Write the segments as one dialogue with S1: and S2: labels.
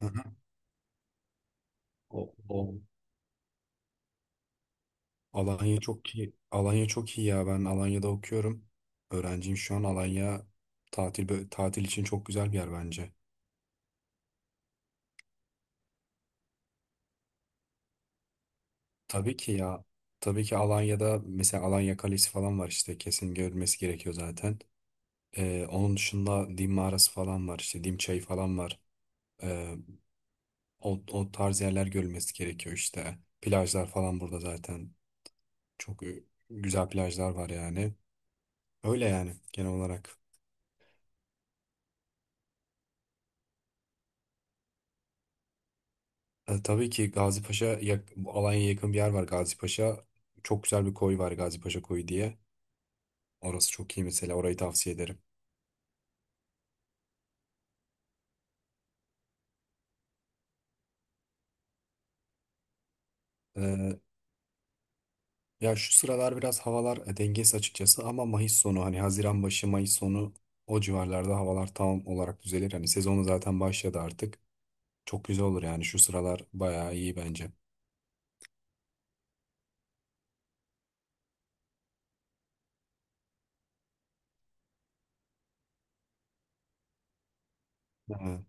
S1: Hı hı. O, o. Alanya çok iyi. Alanya çok iyi ya. Ben Alanya'da okuyorum. Öğrenciyim şu an. Alanya tatil için çok güzel bir yer bence. Tabii ki ya. Tabii ki Alanya'da mesela Alanya Kalesi falan var işte. Kesin görülmesi gerekiyor zaten. Onun dışında Dim Mağarası falan var. İşte Dim Çayı falan var. O, o tarz yerler görülmesi gerekiyor işte. Plajlar falan burada zaten. Çok e, güzel plajlar var yani. Öyle yani genel olarak. Tabii ki bu Alanya'ya yakın bir yer var, Gazipaşa. Çok güzel bir koy var, Gazipaşa Koyu diye. Orası çok iyi, mesela orayı tavsiye ederim. E, Ya şu sıralar biraz havalar dengesiz açıkçası, ama Mayıs sonu, hani Haziran başı, Mayıs sonu, o civarlarda havalar tam olarak düzelir. Hani sezonu zaten başladı artık. Çok güzel olur yani, şu sıralar bayağı iyi bence. Ha.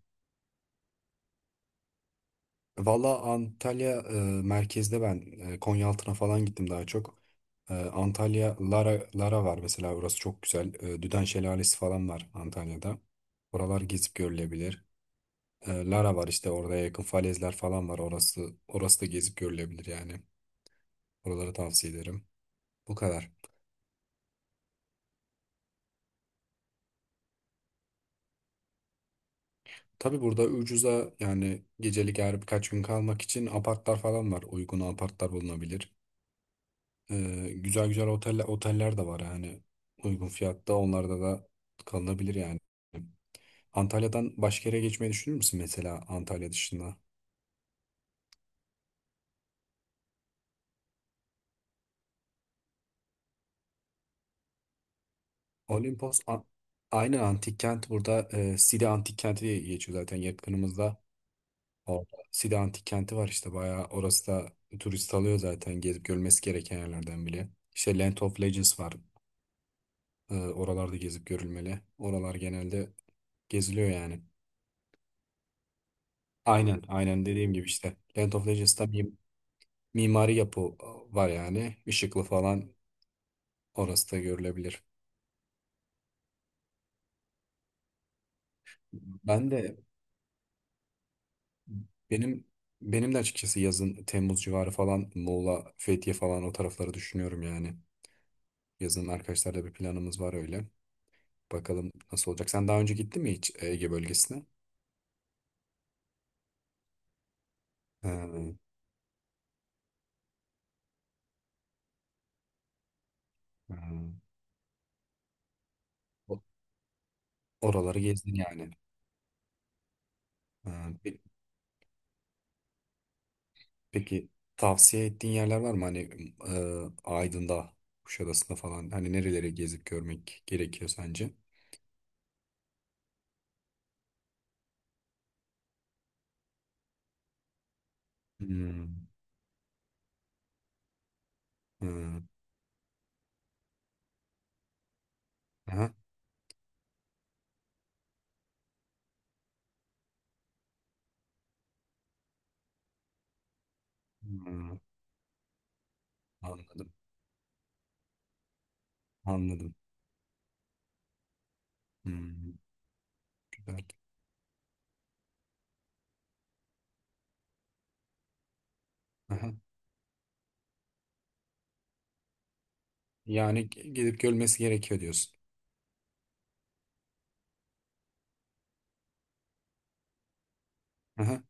S1: Valla Antalya merkezde ben Konyaaltı'na falan gittim daha çok. Antalya Lara, Lara var mesela, orası çok güzel. Düden Şelalesi falan var Antalya'da. Oralar gezip görülebilir. Lara var işte, orada yakın falezler falan var. Orası da gezip görülebilir yani. Oraları tavsiye ederim. Bu kadar. Tabii burada ucuza, yani gecelik, eğer birkaç gün kalmak için apartlar falan var. Uygun apartlar bulunabilir. E, oteller de var yani. Uygun fiyatta onlarda da kalınabilir yani. Antalya'dan başka yere geçmeyi düşünür müsün mesela, Antalya dışında? Olimpos a- Aynı antik kent burada, Side Antik Kenti diye geçiyor zaten, yakınımızda. Orada Side Antik Kenti var işte, bayağı orası da turist alıyor zaten, gezip görülmesi gereken yerlerden bile. İşte Land of Legends var. Oralarda gezip görülmeli. Oralar genelde geziliyor yani. Aynen, aynen, dediğim gibi işte Land of Legends'ta mimari yapı var yani. Işıklı falan, orası da görülebilir. Ben de benim benim de açıkçası yazın Temmuz civarı falan Muğla, Fethiye falan o tarafları düşünüyorum yani. Yazın arkadaşlarla bir planımız var öyle. Bakalım nasıl olacak. Sen daha önce gittin mi hiç Ege bölgesine? Ha, ha. O- Oraları gezdin yani. Ha, pe- Peki, tavsiye ettiğin yerler var mı? Hani Aydın'da, Kuşadası'nda falan. Hani nereleri gezip görmek gerekiyor sence? Hmm, hmm, aha, hmm, anladım. Anladım. Hmm, güzel. Aha. Gidip görmesi gerekiyor diyorsun. Aha.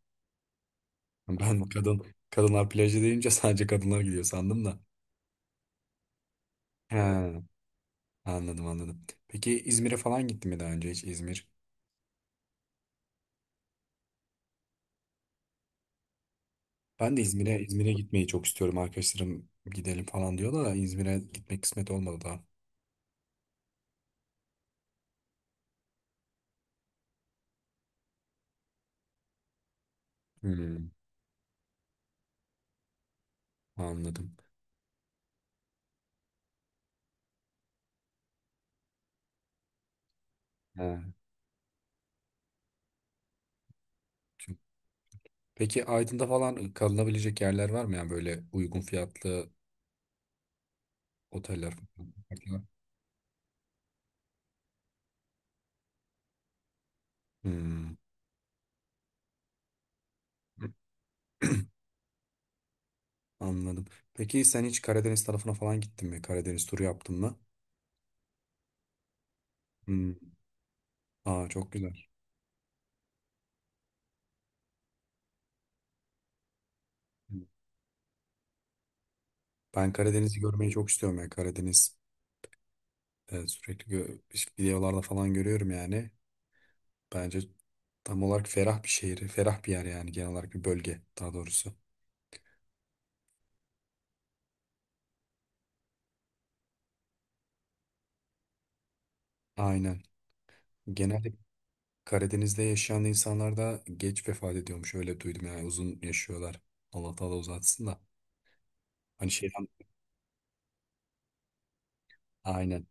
S1: Ben kadın Kadınlar plajı deyince sadece kadınlar gidiyor sandım da. Ha. Anladım, anladım. Peki İzmir'e falan gittin mi daha önce hiç, İzmir? Ben de İzmir'e gitmeyi çok istiyorum. Arkadaşlarım gidelim falan diyor da İzmir'e gitmek kısmet olmadı daha. Hmm, anladım. Ha, çok- Peki Aydın'da falan kalınabilecek yerler var mı? Yani böyle uygun fiyatlı oteller falan. Hmm. Anladım. Peki sen hiç Karadeniz tarafına falan gittin mi? Karadeniz turu yaptın mı? Hmm. Aa, çok güzel. Ben Karadeniz'i görmeyi çok istiyorum ya. Karadeniz evet, işte videolarda falan görüyorum yani. Bence tam olarak ferah bir şehir, ferah bir yer yani, genel olarak bir bölge daha doğrusu. Aynen. Genelde Karadeniz'de yaşayan insanlar da geç vefat ediyormuş, öyle duydum yani, uzun yaşıyorlar. Allah Teala uzatsın da. Hani şeyden, aynen,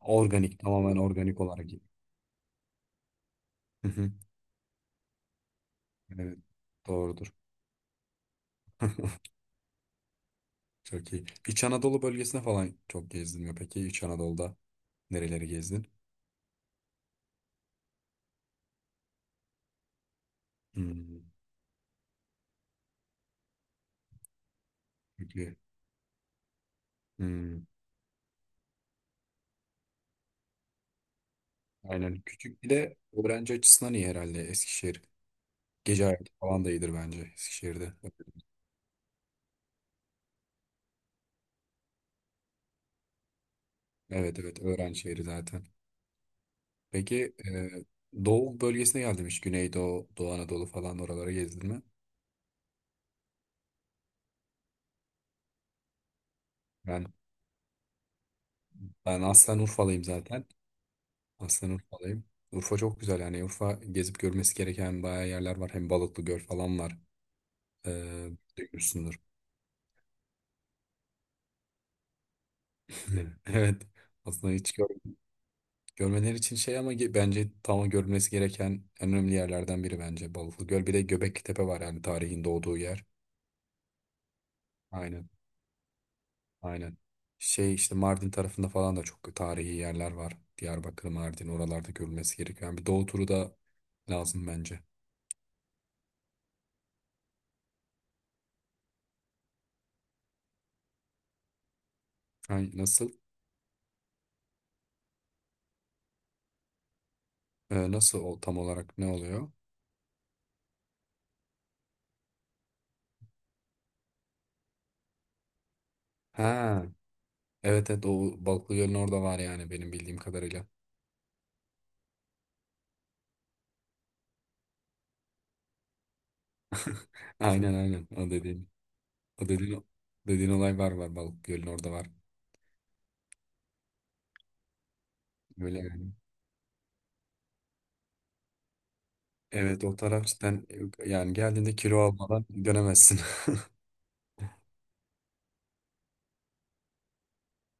S1: organik, tamamen organik olarak. Hı hı. Evet, doğrudur. Çok iyi. İç Anadolu bölgesine falan çok gezdin mi peki? İç Anadolu'da nereleri gezdin? Hmm, çok iyi. Hmm. Aynen. Küçük bir de öğrenci açısından iyi herhalde Eskişehir. Gece hayatı falan da iyidir bence Eskişehir'de. Evet, evet, öğrenci şehri zaten. Peki Doğu bölgesine geldim hiç. Güneydoğu, Doğu Anadolu falan oralara gezdin mi? Ben, Ben aslen Urfalıyım zaten. Aslen Urfalıyım. Urfa çok güzel yani. Urfa gezip görmesi gereken bayağı yerler var. Hem Balıklı Göl falan var. E, Duymuşsundur. Evet. Aslında hiç görmedim. Görmeleri için şey ama ge- Bence tam görülmesi gereken en önemli yerlerden biri bence Balıklı Göl. Bir de Göbekli var yani, tarihin doğduğu yer. Aynen, aynen. Şey, işte Mardin tarafında falan da çok tarihi yerler var. Diyarbakır, Mardin, oralarda görülmesi gerekiyor. Yani bir doğu turu da lazım bence. Ay, nasıl? Nasıl o, tam olarak ne oluyor? Ha, evet, evet, o Balıklı Göl'ün orada var yani, benim bildiğim kadarıyla. Aynen, aynen o dediğin. O dediğin, Dediğin olay var, var Balıklı Göl'ün orada, var. Öyle yani. Evet, o taraf cidden yani geldiğinde kilo almadan dönemezsin.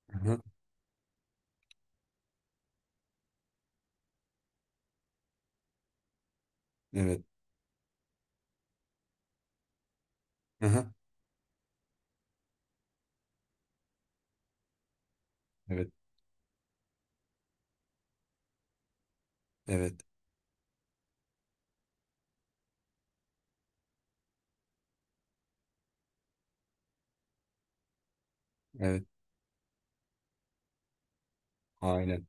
S1: Aha, evet. Aha, evet. Evet. Evet. Aynen.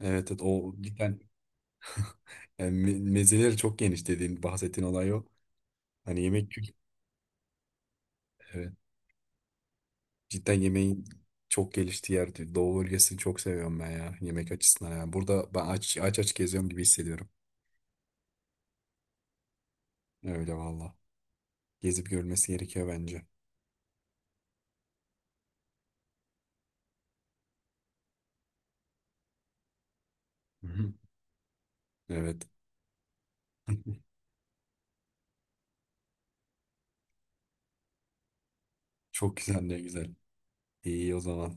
S1: Evet, evet. O cidden yani, mezeleri çok geniş, dediğin, bahsettiğin olay o. Hani yemek kült- evet. Cidden yemeğin çok geliştiği yer. Doğu bölgesini çok seviyorum ben ya. Yemek açısından yani. Burada ben aç geziyorum gibi hissediyorum. Öyle valla. Gezip görmesi gerekiyor bence. Hı hı. Evet. Çok güzel, ne güzel. İyi o zaman.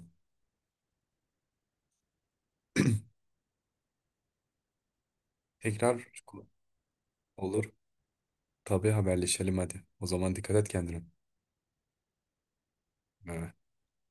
S1: Tekrar olur. Tabii, haberleşelim hadi. O zaman dikkat et kendine. Ee,